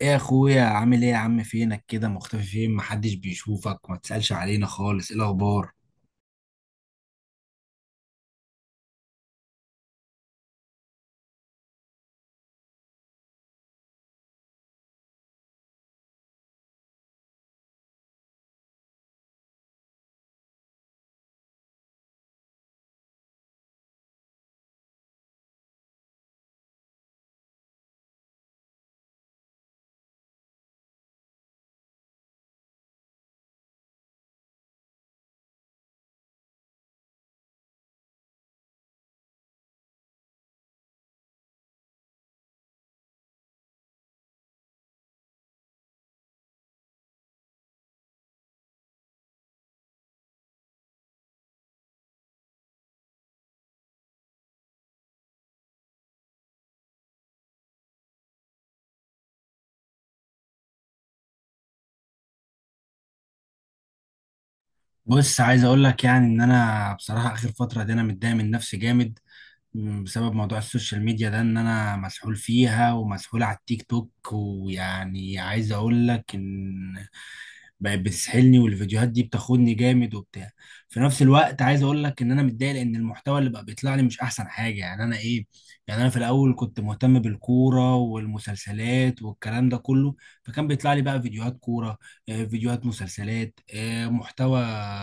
ايه يا اخويا، عامل ايه يا عم؟ فينك كده مختفي؟ فين، محدش بيشوفك، ما تسألش علينا خالص. ايه الاخبار؟ بص، عايز اقول لك يعني ان انا بصراحه اخر فتره دي انا متضايق من نفسي جامد، بسبب موضوع السوشيال ميديا ده، ان انا مسحول فيها ومسحول على التيك توك، ويعني عايز اقول لك ان بقت بتسحلني، والفيديوهات دي بتاخدني جامد وبتاع. في نفس الوقت عايز اقول لك ان انا متضايق لان المحتوى اللي بقى بيطلع لي مش احسن حاجه، يعني انا ايه، يعني انا في الاول كنت مهتم بالكوره والمسلسلات والكلام ده كله، فكان بيطلع لي بقى فيديوهات كوره، فيديوهات مسلسلات، محتوى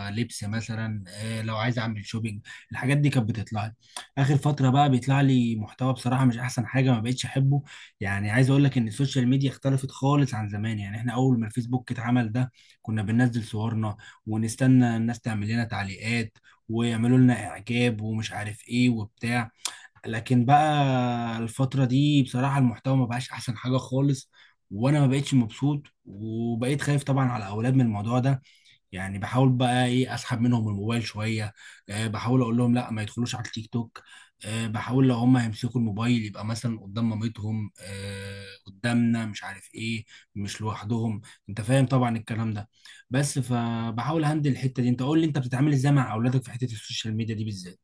لبس مثلا، لو عايز اعمل شوبينج، الحاجات دي كانت بتطلع لي. اخر فتره بقى بيطلع لي محتوى بصراحه مش احسن حاجه، ما بقتش احبه. يعني عايز اقول لك ان السوشيال ميديا اختلفت خالص عن زمان. يعني احنا اول ما الفيسبوك اتعمل ده كنا بننزل صورنا ونستنى الناس تعمل لنا تعليقات ويعملوا لنا اعجاب ومش عارف ايه وبتاع. لكن بقى الفتره دي بصراحه المحتوى ما بقاش احسن حاجه خالص، وانا ما بقتش مبسوط، وبقيت خايف طبعا على اولاد من الموضوع ده. يعني بحاول بقى ايه اسحب منهم الموبايل شويه، أه بحاول اقول لهم لا ما يدخلوش على التيك توك، أه بحاول لو هم هيمسكوا الموبايل يبقى مثلا قدام مامتهم، أه قدامنا، مش عارف ايه، مش لوحدهم. انت فاهم طبعا الكلام ده. بس فبحاول هندل الحته دي. انت قول لي، انت بتتعامل ازاي مع اولادك في حته السوشيال ميديا دي بالذات؟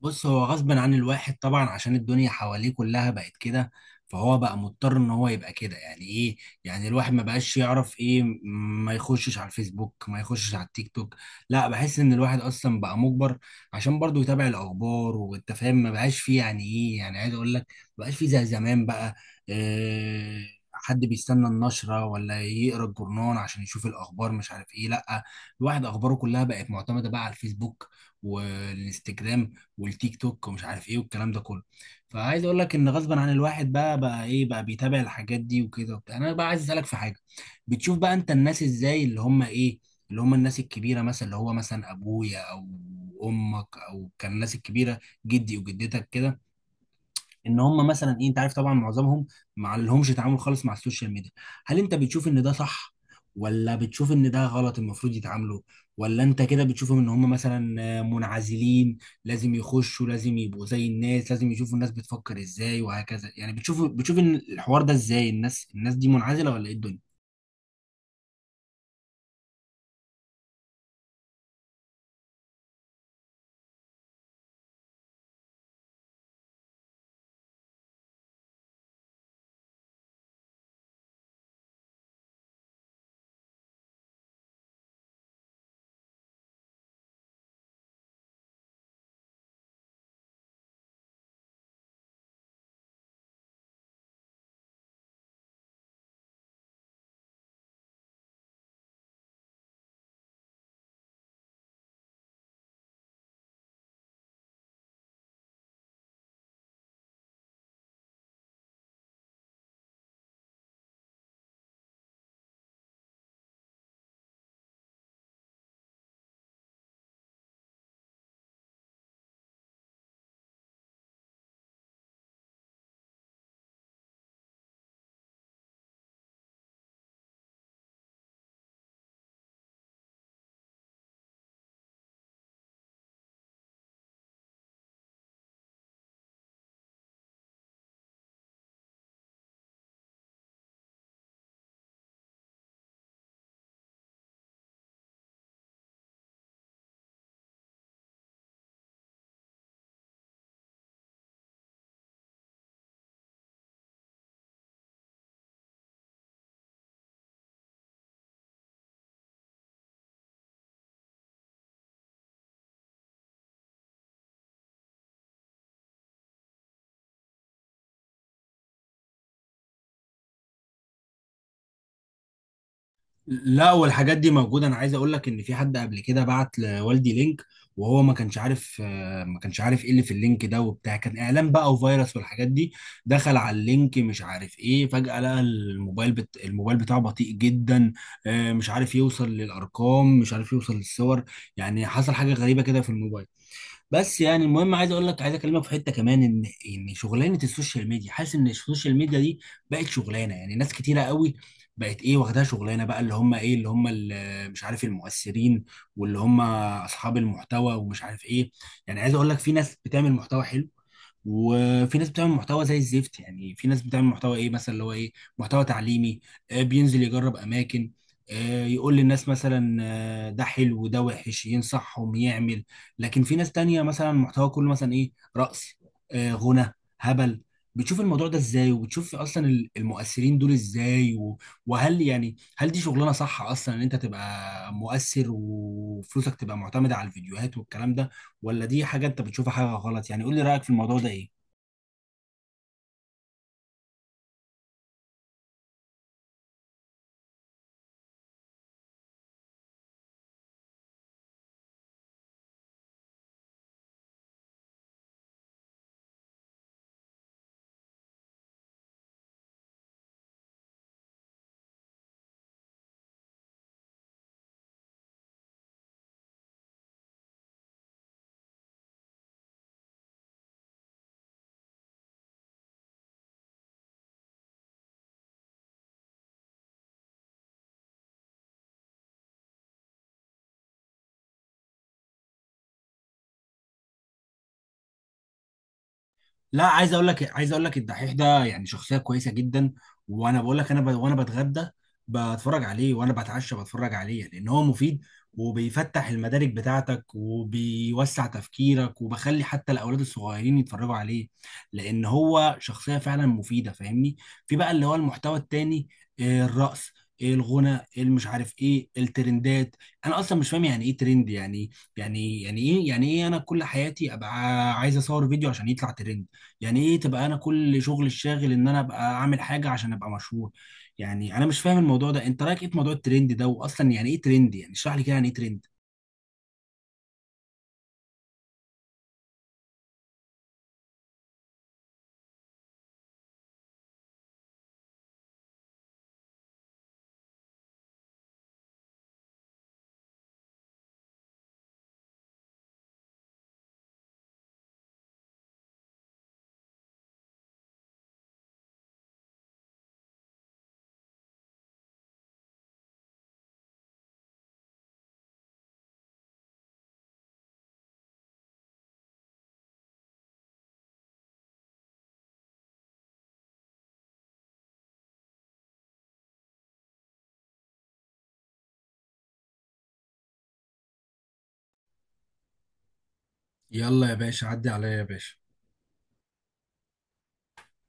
بص، هو غصب عن الواحد طبعا عشان الدنيا حواليه كلها بقت كده، فهو بقى مضطر ان هو يبقى كده، يعني ايه، يعني الواحد ما بقاش يعرف ايه، ما يخشش على الفيسبوك ما يخشش على التيك توك، لا بحس ان الواحد اصلا بقى مجبر، عشان برضه يتابع الاخبار. والتفاهم ما بقاش فيه، يعني ايه، يعني عايز اقول لك ما بقاش فيه زي زمان بقى. إيه، حد بيستنى النشرة ولا يقرا الجورنال عشان يشوف الأخبار؟ مش عارف إيه، لأ، الواحد أخباره كلها بقت معتمدة بقى على الفيسبوك والإنستجرام والتيك توك ومش عارف ايه والكلام ده كله. فعايز اقول لك ان غصبا عن الواحد بقى ايه، بقى بيتابع الحاجات دي وكده وبتاع. انا بقى عايز اسالك في حاجه. بتشوف بقى انت الناس ازاي، اللي هم ايه، اللي هم الناس الكبيره، مثلا اللي هو مثلا ابويا او امك، او كان الناس الكبيره، جدي وجدتك كده، ان هم مثلا ايه، انت عارف طبعا معظمهم ما لهمش تعامل خالص مع السوشيال ميديا. هل انت بتشوف ان ده صح، ولا بتشوف ان ده غلط المفروض يتعاملوا، ولا انت كده بتشوفهم ان هم مثلا منعزلين، لازم يخشوا، لازم يبقوا زي الناس، لازم يشوفوا الناس بتفكر ازاي وهكذا؟ يعني بتشوف ان الحوار ده ازاي، الناس دي منعزلة ولا ايه الدنيا؟ لا، والحاجات دي موجودة. أنا عايز أقول لك إن في حد قبل كده بعت لوالدي لينك، وهو ما كانش عارف، ما كانش عارف إيه اللي في اللينك ده وبتاع، كان إعلان بقى وفيروس والحاجات دي. دخل على اللينك مش عارف إيه، فجأة لقى الموبايل الموبايل بتاعه بطيء جدا، مش عارف يوصل للأرقام، مش عارف يوصل للصور، يعني حصل حاجة غريبة كده في الموبايل. بس يعني المهم عايز اقول لك، عايز اكلمك في حته كمان، ان شغلانه السوشيال ميديا، حاسس ان السوشيال ميديا دي بقت شغلانه يعني ناس كتيره قوي، بقت ايه واخدها شغلانه بقى، اللي هم ايه، اللي هم اللي مش عارف المؤثرين، واللي هم اصحاب المحتوى ومش عارف ايه. يعني عايز اقول لك، في ناس بتعمل محتوى حلو، وفي ناس بتعمل محتوى زي الزفت. يعني في ناس بتعمل محتوى ايه، مثلا اللي هو ايه، محتوى تعليمي، بينزل يجرب اماكن، يقول للناس مثلا، ده حلو ده وحش، ينصحهم يعمل. لكن في ناس تانية مثلا محتوى كله مثلا ايه، رقص، غنى، هبل. بتشوف الموضوع ده ازاي، وبتشوف اصلا المؤثرين دول ازاي، وهل يعني هل دي شغلانة صح اصلا، ان انت تبقى مؤثر وفلوسك تبقى معتمدة على الفيديوهات والكلام ده، ولا دي حاجة انت بتشوفها حاجة غلط؟ يعني قول لي رأيك في الموضوع ده ايه؟ لا، عايز اقول لك، عايز اقول لك الدحيح ده يعني شخصيه كويسه جدا. وانا بقول لك، وانا بتغدى بتفرج عليه، وانا بتعشى بتفرج عليه، لان هو مفيد وبيفتح المدارك بتاعتك وبيوسع تفكيرك، وبخلي حتى الاولاد الصغيرين يتفرجوا عليه، لان هو شخصيه فعلا مفيده، فاهمني. في بقى اللي هو المحتوى التاني، الرقص، إيه الغنى، إيه المش عارف ايه، الترندات. انا اصلا مش فاهم يعني ايه ترند، يعني يعني ايه، يعني ايه، انا كل حياتي ابقى عايز اصور فيديو عشان يطلع ترند؟ يعني ايه تبقى انا كل شغل الشاغل ان انا ابقى اعمل حاجه عشان ابقى مشهور؟ يعني انا مش فاهم الموضوع ده. انت رايك ايه في موضوع الترند ده، واصلا يعني ايه ترند؟ يعني اشرح لي كده يعني ايه ترند؟ يلا يا باشا، عدي عليا يا باشا.